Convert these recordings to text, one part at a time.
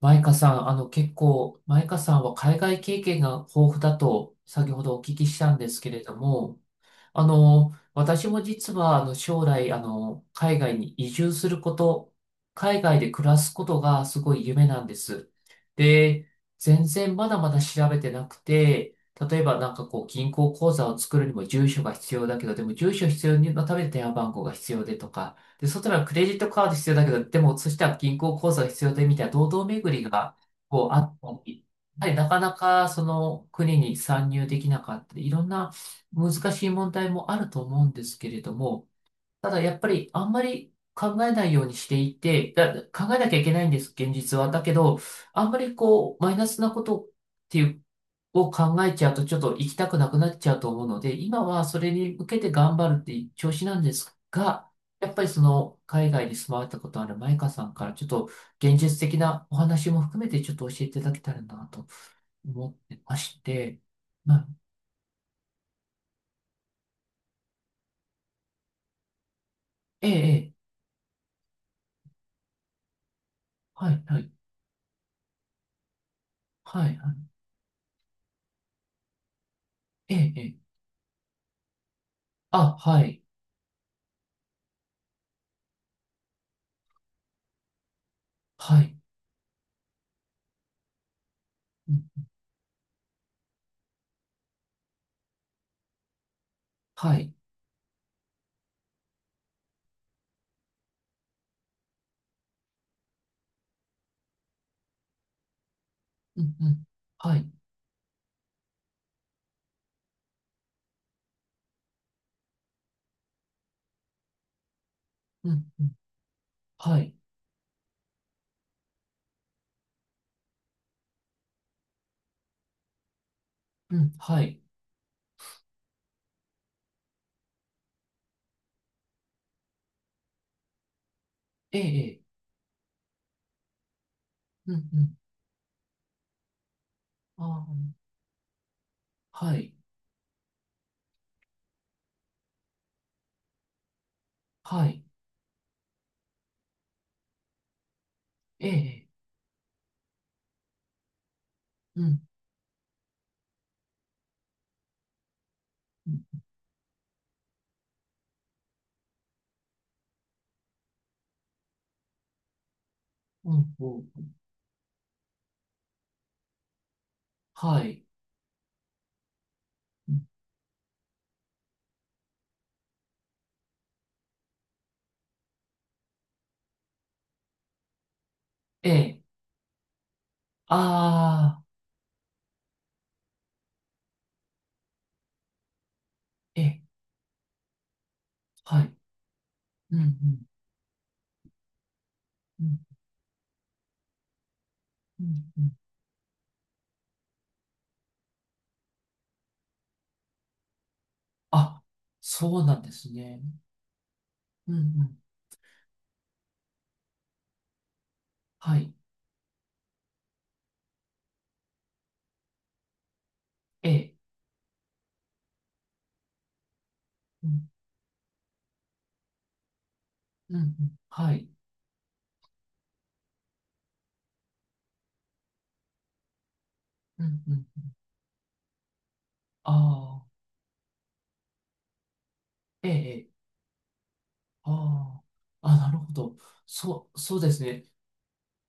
マイカさん、結構、マイカさんは海外経験が豊富だと先ほどお聞きしたんですけれども、私も実は、将来、海外に移住すること、海外で暮らすことがすごい夢なんです。で、全然まだまだ調べてなくて、例えばなんかこう、銀行口座を作るにも住所が必要だけど、でも住所必要のために電話番号が必要でとか、で、そしたらクレジットカード必要だけど、でもそしたら銀行口座が必要でみたいな堂々巡りが、こう、あったり、やはりなかなかその国に参入できなかったり、いろんな難しい問題もあると思うんですけれども、ただやっぱりあんまり考えないようにしていて、考えなきゃいけないんです、現実は。だけど、あんまりこう、マイナスなことっていう、を考えちゃうとちょっと行きたくなくなっちゃうと思うので、今はそれに向けて頑張るっていう調子なんですが、やっぱりその海外に住まわれたことあるマイカさんからちょっと現実的なお話も含めてちょっと教えていただけたらなと思ってまして、まあ、ええ、ええ、はい、はい。はい、はい。ええ、ええ。あ、はい、はい、うん、はい、うん、うん、はい、うん、うん、はい、うん、はい、ええ、ええ、うん、うん、ああ、はい、はい、ええ、ええ、うん、うん、うん、はい、うん、ええ、ああ、ええ、はい、うん、うん、うん、うん、うん、あ、そうなんですね。うん、うん、はい、ええ、うん、うん、うん、はい、うん、うん、ああ、ええ、ええ、ああ、あ、なるほど。そう、そうですね。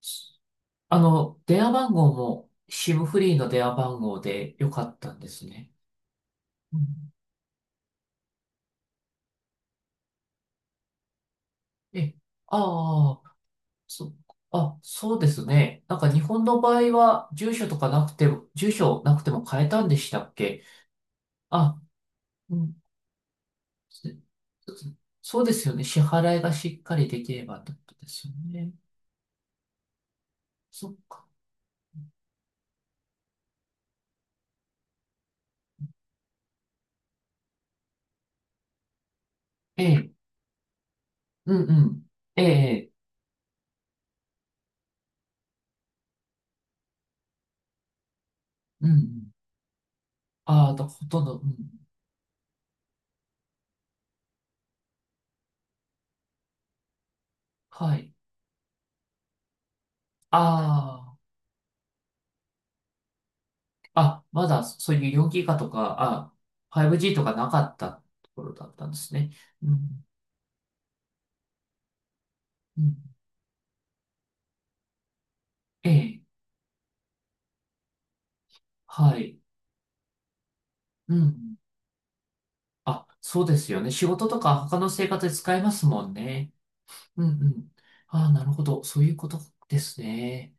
す電話番号も SIM フリーの電話番号でよかったんですね。うん、え、ああ、そ、あ、そうですね。なんか日本の場合は住所とかなくても、住所なくても変えたんでしたっけ？あ、うん、そそうですよね。支払いがしっかりできればってことですよね。そっか。ええ、うんうん。ええ、うんうん。ああ、だほとんど、うん。はい。ああ、あ、まだそういう 4GB とか、5G とかなかったところだったんですね。うん、うん、ええ、はい。うん。あ、そうですよね。仕事とか他の生活で使えますもんね。うん、うん。ああ、なるほど。そういうことですね。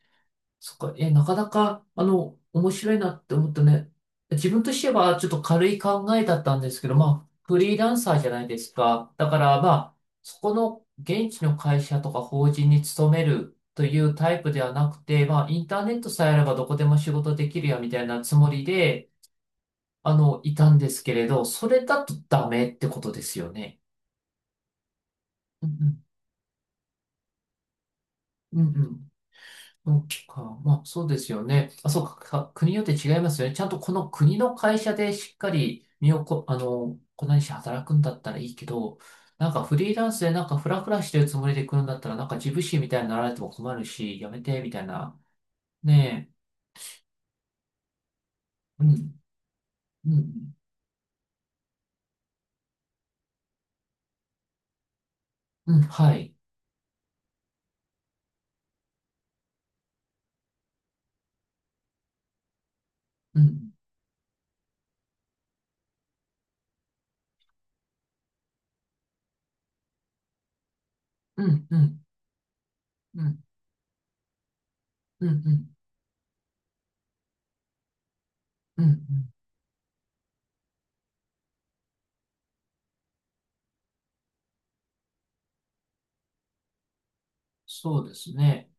そっか、え、なかなか、面白いなって思ったね。自分としては、ちょっと軽い考えだったんですけど、まあ、フリーランサーじゃないですか。だから、まあ、そこの現地の会社とか法人に勤めるというタイプではなくて、まあ、インターネットさえあればどこでも仕事できるや、みたいなつもりで、いたんですけれど、それだとダメってことですよね。うんうん。うん、そっか。まあ、そうですよね。あ、そうか。国によって違いますよね。ちゃんとこの国の会社でしっかり身をこ、あの、粉にして働くんだったらいいけど、なんかフリーランスでなんかフラフラしてるつもりで来るんだったら、なんか自分史みたいになられても困るし、やめて、みたいな。ねえ。うん、うん、うん、はい。うん、うん、うん、うん、うん、うん、うん、うん、そうですね。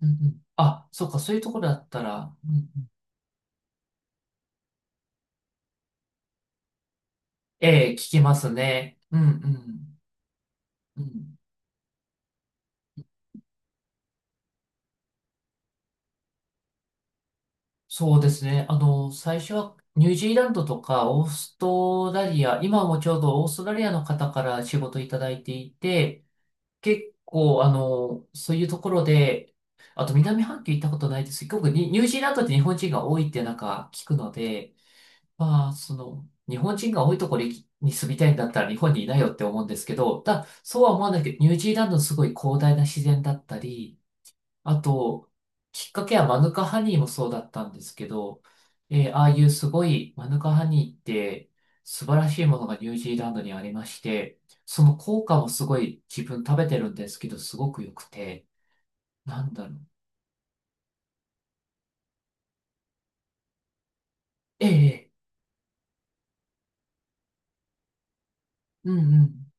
うん、うん。あ、そうか。そういうところだったら、うん、うん、ええ、聞きますね。うん、うん、うん。そうですね。最初はニュージーランドとかオーストラリア、今もちょうどオーストラリアの方から仕事いただいていて、結構、そういうところで、あと南半球行ったことないですけど、結構にニュージーランドって日本人が多いってなんか聞くので、まあ、その、日本人が多いところに住みたいんだったら日本にいないよって思うんですけど、ただ、そうは思わないけど、ニュージーランドのすごい広大な自然だったり、あと、きっかけはマヌカハニーもそうだったんですけど、ああいうすごいマヌカハニーって素晴らしいものがニュージーランドにありまして、その効果もすごい自分食べてるんですけど、すごく良くて、なんだろう。ええ、ええ、うんうん、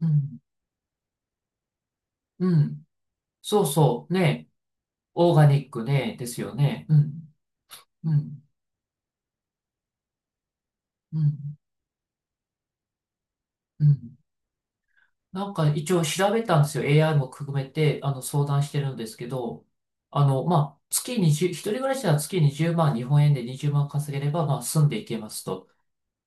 うん、うん。そうそう、ね、オーガニックね、ですよね。うん、うん、うん、うん。なんか一応調べたんですよ。AI も含めて、相談してるんですけど、まあ、月20、一人暮らしなら月20万、日本円で20万稼げれば、まあ、住んでいけますと。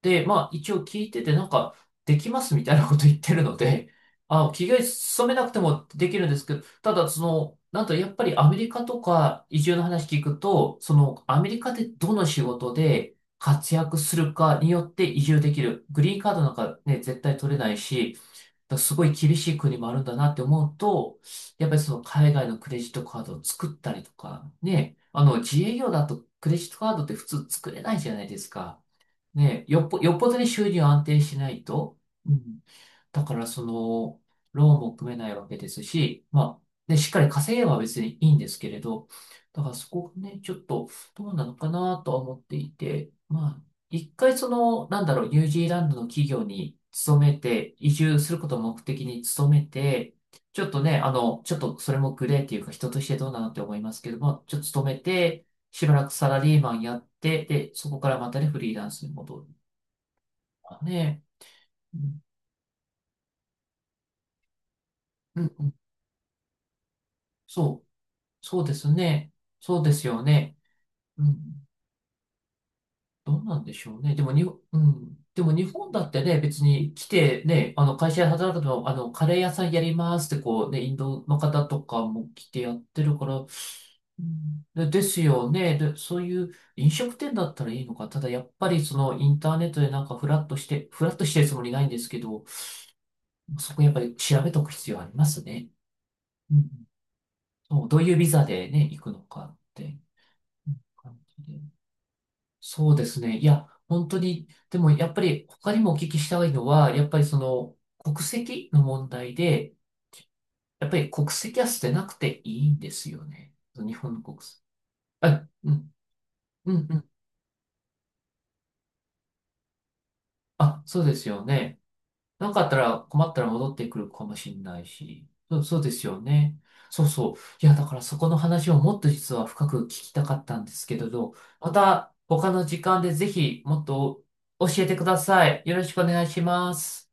で、まあ、一応聞いてて、なんか、できますみたいなこと言ってるので、あ、企業に勤めなくてもできるんですけど、ただ、その、なんと、やっぱりアメリカとか移住の話聞くと、その、アメリカでどの仕事で活躍するかによって移住できる。グリーンカードなんかね、絶対取れないし、すごい厳しい国もあるんだなって思うと、やっぱりその海外のクレジットカードを作ったりとか、ね、自営業だとクレジットカードって普通作れないじゃないですか。ね、よっぽどに収入安定しないと。うん、だからその、ローンも組めないわけですし、まあ、で、しっかり稼げば別にいいんですけれど、だからそこがね、ちょっとどうなのかなとは思っていて、まあ、一回その、なんだろう、ニュージーランドの企業に勤めて、移住することを目的に勤めて、ちょっとね、ちょっとそれもグレーっていうか人としてどうなのって思いますけども、ちょっと勤めて、しばらくサラリーマンやって、で、そこからまたね、フリーランスに戻るとかね。うん、うん、うん、そう。そうですね。そうですよね。うん。どうなんでしょうね。でもうん。でも日本だってね、別に来てね、会社で働くとカレー屋さんやりますってこうね、インドの方とかも来てやってるから、うん、で、ですよね。で、そういう飲食店だったらいいのか。ただやっぱりそのインターネットでなんかフラッとしてるつもりないんですけど、そこやっぱり調べとく必要ありますね。うん。そう、どういうビザでね、行くのかってうん感じで。そうですね。いや、本当に、でもやっぱり他にもお聞きしたいのは、やっぱりその国籍の問題で、やっぱり国籍は捨てなくていいんですよね。日本の国籍。あ、うん、うん、うん。あ、そうですよね。あったら困ったら戻ってくるかもしれないし。そう、そうですよね。そうそう。いや、だからそこの話をもっと実は深く聞きたかったんですけれど、また他の時間でぜひもっと教えてください。よろしくお願いします。